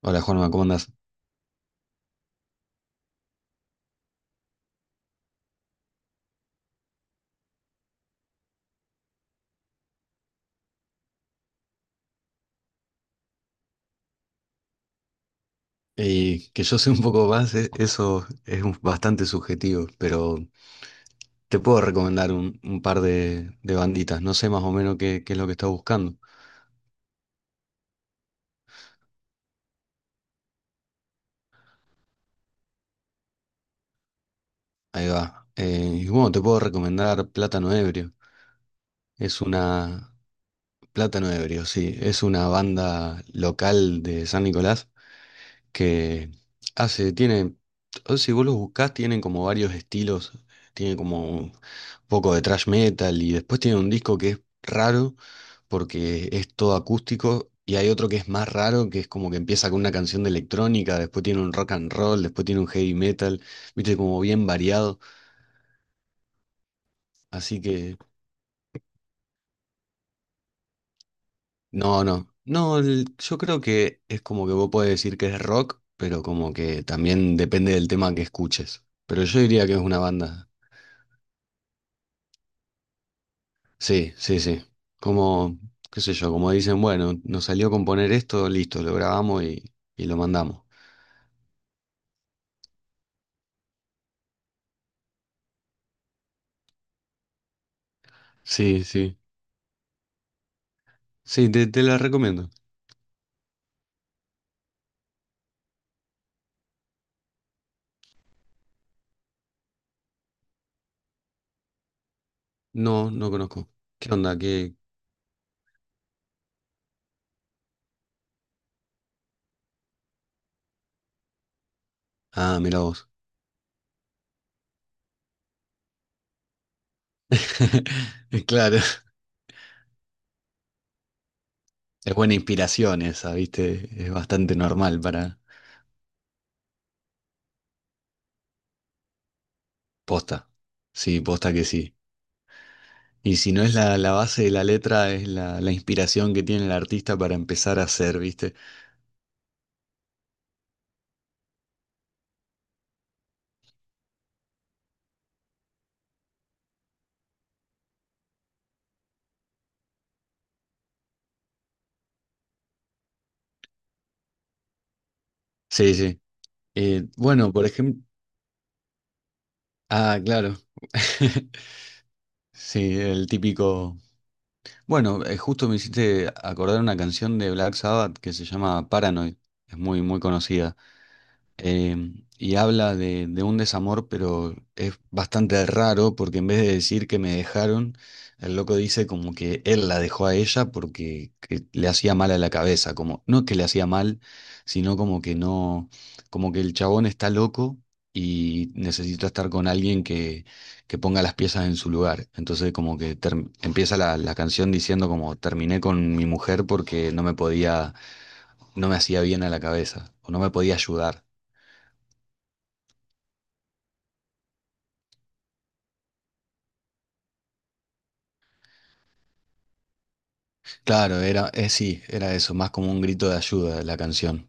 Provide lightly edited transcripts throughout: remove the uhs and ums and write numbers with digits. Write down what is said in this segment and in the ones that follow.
Hola Juanma, ¿cómo andás? Y que yo sé un poco más, eso es bastante subjetivo, pero te puedo recomendar un par de banditas, no sé más o menos qué, qué es lo que estás buscando. Ahí va. Y bueno, te puedo recomendar Plátano Ebrio. Es una... Plátano Ebrio, sí, es una banda local de San Nicolás que hace, tiene, o si vos los buscás, tienen como varios estilos, tiene como un poco de thrash metal y después tiene un disco que es raro porque es todo acústico y hay otro que es más raro que es como que empieza con una canción de electrónica, después tiene un rock and roll, después tiene un heavy metal, viste, como bien variado, así que no, no. No, yo creo que es como que vos podés decir que es rock, pero como que también depende del tema que escuches. Pero yo diría que es una banda. Sí, sí, sí. Como, qué sé yo, como dicen, bueno, nos salió componer esto, listo, lo grabamos y lo mandamos. Sí, sí. Sí, te la recomiendo. No, no conozco. ¿Qué onda? ¿Qué? Ah, mira vos. Claro. Es buena inspiración esa, ¿viste? Es bastante normal para... Posta. Sí, posta que sí. Y si no es la base de la letra, es la inspiración que tiene el artista para empezar a hacer, ¿viste? Sí, sí. Bueno, por ejemplo... Ah, claro. Sí, el típico. Bueno, justo me hiciste acordar una canción de Black Sabbath que se llama Paranoid. Es muy, muy conocida, y habla de un desamor, pero es bastante raro porque en vez de decir que me dejaron, el loco dice como que él la dejó a ella porque que le hacía mal a la cabeza, como no que le hacía mal, sino como que no, como que el chabón está loco y necesita estar con alguien que ponga las piezas en su lugar. Entonces como que empieza la canción diciendo como terminé con mi mujer porque no me podía, no me hacía bien a la cabeza o no me podía ayudar. Claro, era, sí, era eso, más como un grito de ayuda la canción.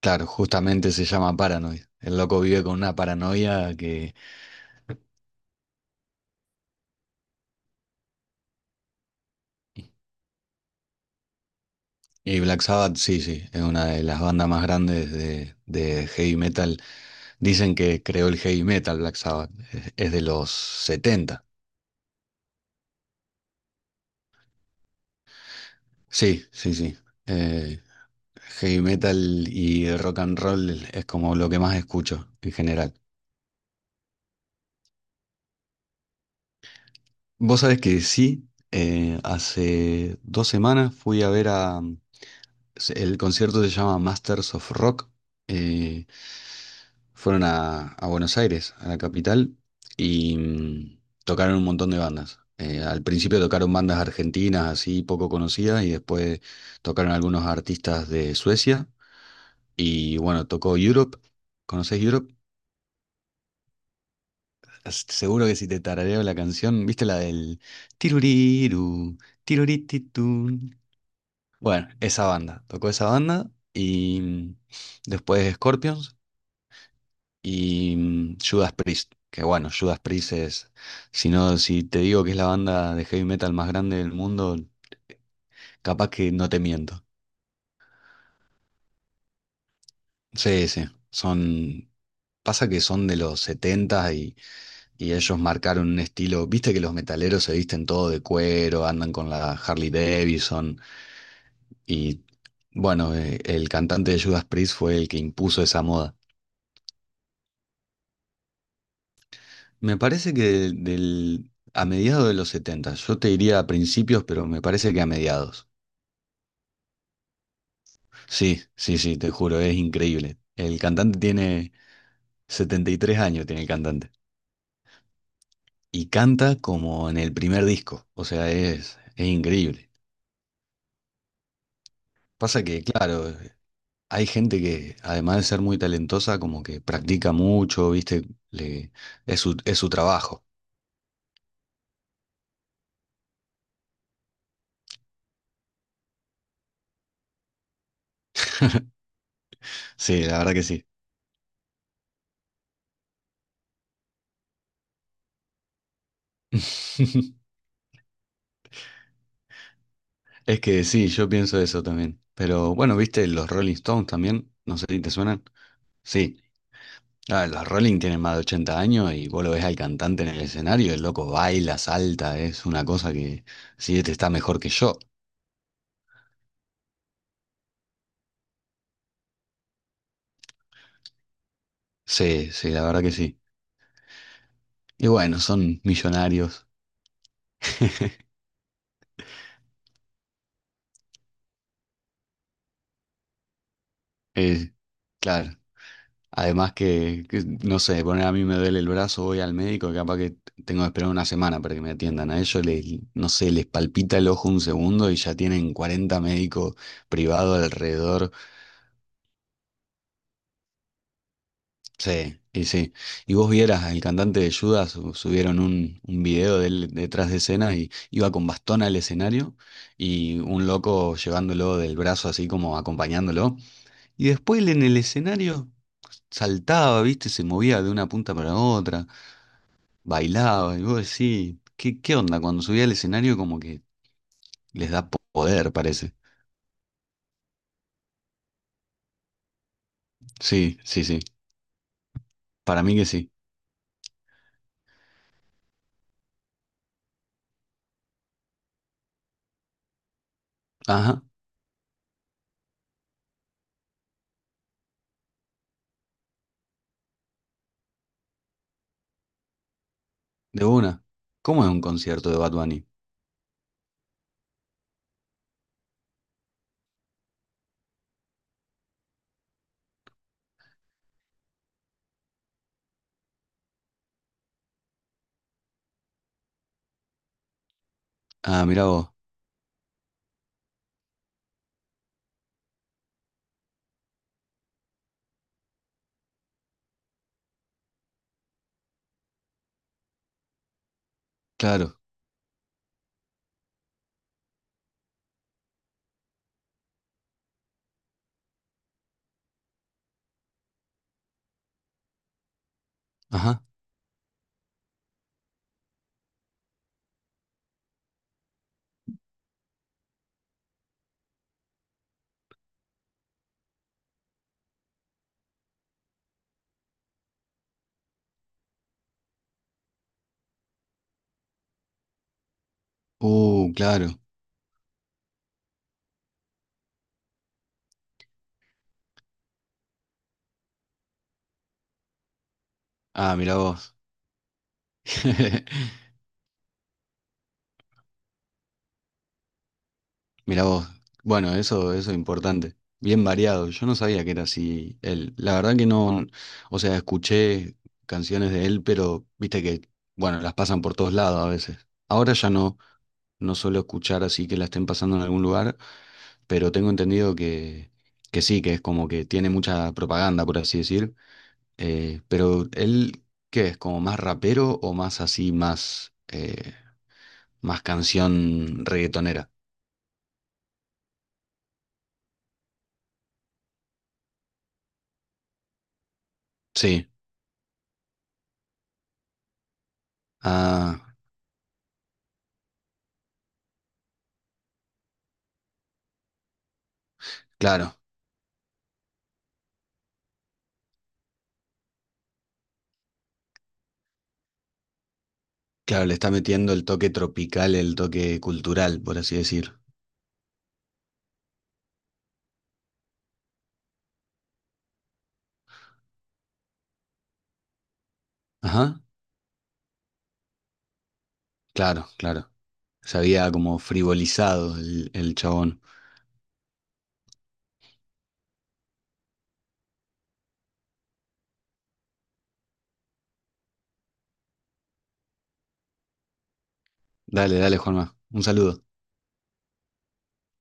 Claro, justamente se llama Paranoid. El loco vive con una paranoia que... Y Black Sabbath, sí, sí, es una de las bandas más grandes de heavy metal. Dicen que creó el heavy metal Black Sabbath, es de los 70. Sí, sí, sí. Eh, heavy metal y el rock and roll es como lo que más escucho en general. Vos sabés que sí, hace dos semanas fui a ver a, el concierto se llama Masters of Rock. eh, fueron a Buenos Aires, a la capital, y tocaron un montón de bandas. Al principio tocaron bandas argentinas así poco conocidas y después tocaron algunos artistas de Suecia. Y bueno, tocó Europe. ¿Conocés Europe? Seguro que si te tarareo la canción, ¿viste la del tiruriru, tirurititun? Bueno, esa banda. Tocó esa banda y después Scorpions. Y Judas Priest, que bueno, Judas Priest es, si no, si te digo que es la banda de heavy metal más grande del mundo, capaz que no te miento. Sí, sí, son, pasa que son de los 70 y ellos marcaron un estilo, viste que los metaleros se visten todo de cuero, andan con la Harley Davidson y bueno, el cantante de Judas Priest fue el que impuso esa moda. Me parece que del, a mediados de los 70, yo te diría a principios, pero me parece que a mediados. Sí, sí, sí, te juro, es increíble. El cantante tiene 73 años, tiene el cantante. Y canta como en el primer disco, o sea, es increíble. Pasa que, claro, hay gente que, además de ser muy talentosa, como que practica mucho, ¿viste? Le, es su trabajo. Sí, la verdad que sí. Es que sí, yo pienso eso también. Pero bueno, ¿viste los Rolling Stones también? No sé si te suenan. Sí, ah, los Rolling tienen más de 80 años y vos lo ves al cantante en el escenario, el loco baila, salta, es una cosa que sí, este está mejor que yo. Sí, sí, la verdad que sí. Y bueno, son millonarios. eh, claro, además que, no sé, poner a mí me duele el brazo, voy al médico, capaz que tengo que esperar una semana para que me atiendan. A ellos les, no sé, les palpita el ojo un segundo y ya tienen 40 médicos privados alrededor. Sí, y sí. Y vos vieras, el cantante de Judas subieron un video de él detrás de escena y iba con bastón al escenario y un loco llevándolo del brazo así como acompañándolo. Y después él en el escenario saltaba, viste, se movía de una punta para otra, bailaba. Y vos decís, ¿qué, qué onda? Cuando subía al escenario como que les da poder, parece. Sí, sí, sí. Para mí que sí. Ajá, de una. ¿Cómo es un concierto de Bad Bunny? Ah, mirá vos. Claro. Ajá. Claro. Ah, mira vos. Mira vos. Bueno, eso es importante. Bien variado. Yo no sabía que era así él. La verdad que no, o sea, escuché canciones de él, pero viste que, bueno, las pasan por todos lados a veces. Ahora ya no, no suelo escuchar así que la estén pasando en algún lugar, pero tengo entendido que sí, que es como que tiene mucha propaganda, por así decir. Pero él, ¿qué es? ¿Como más rapero o más así, más... más canción reggaetonera? Sí, ah, claro, claro, le está metiendo el toque tropical, el toque cultural, por así decir. Ajá, claro, claro. Se había como frivolizado el chabón. Dale, dale, Juanma, un saludo.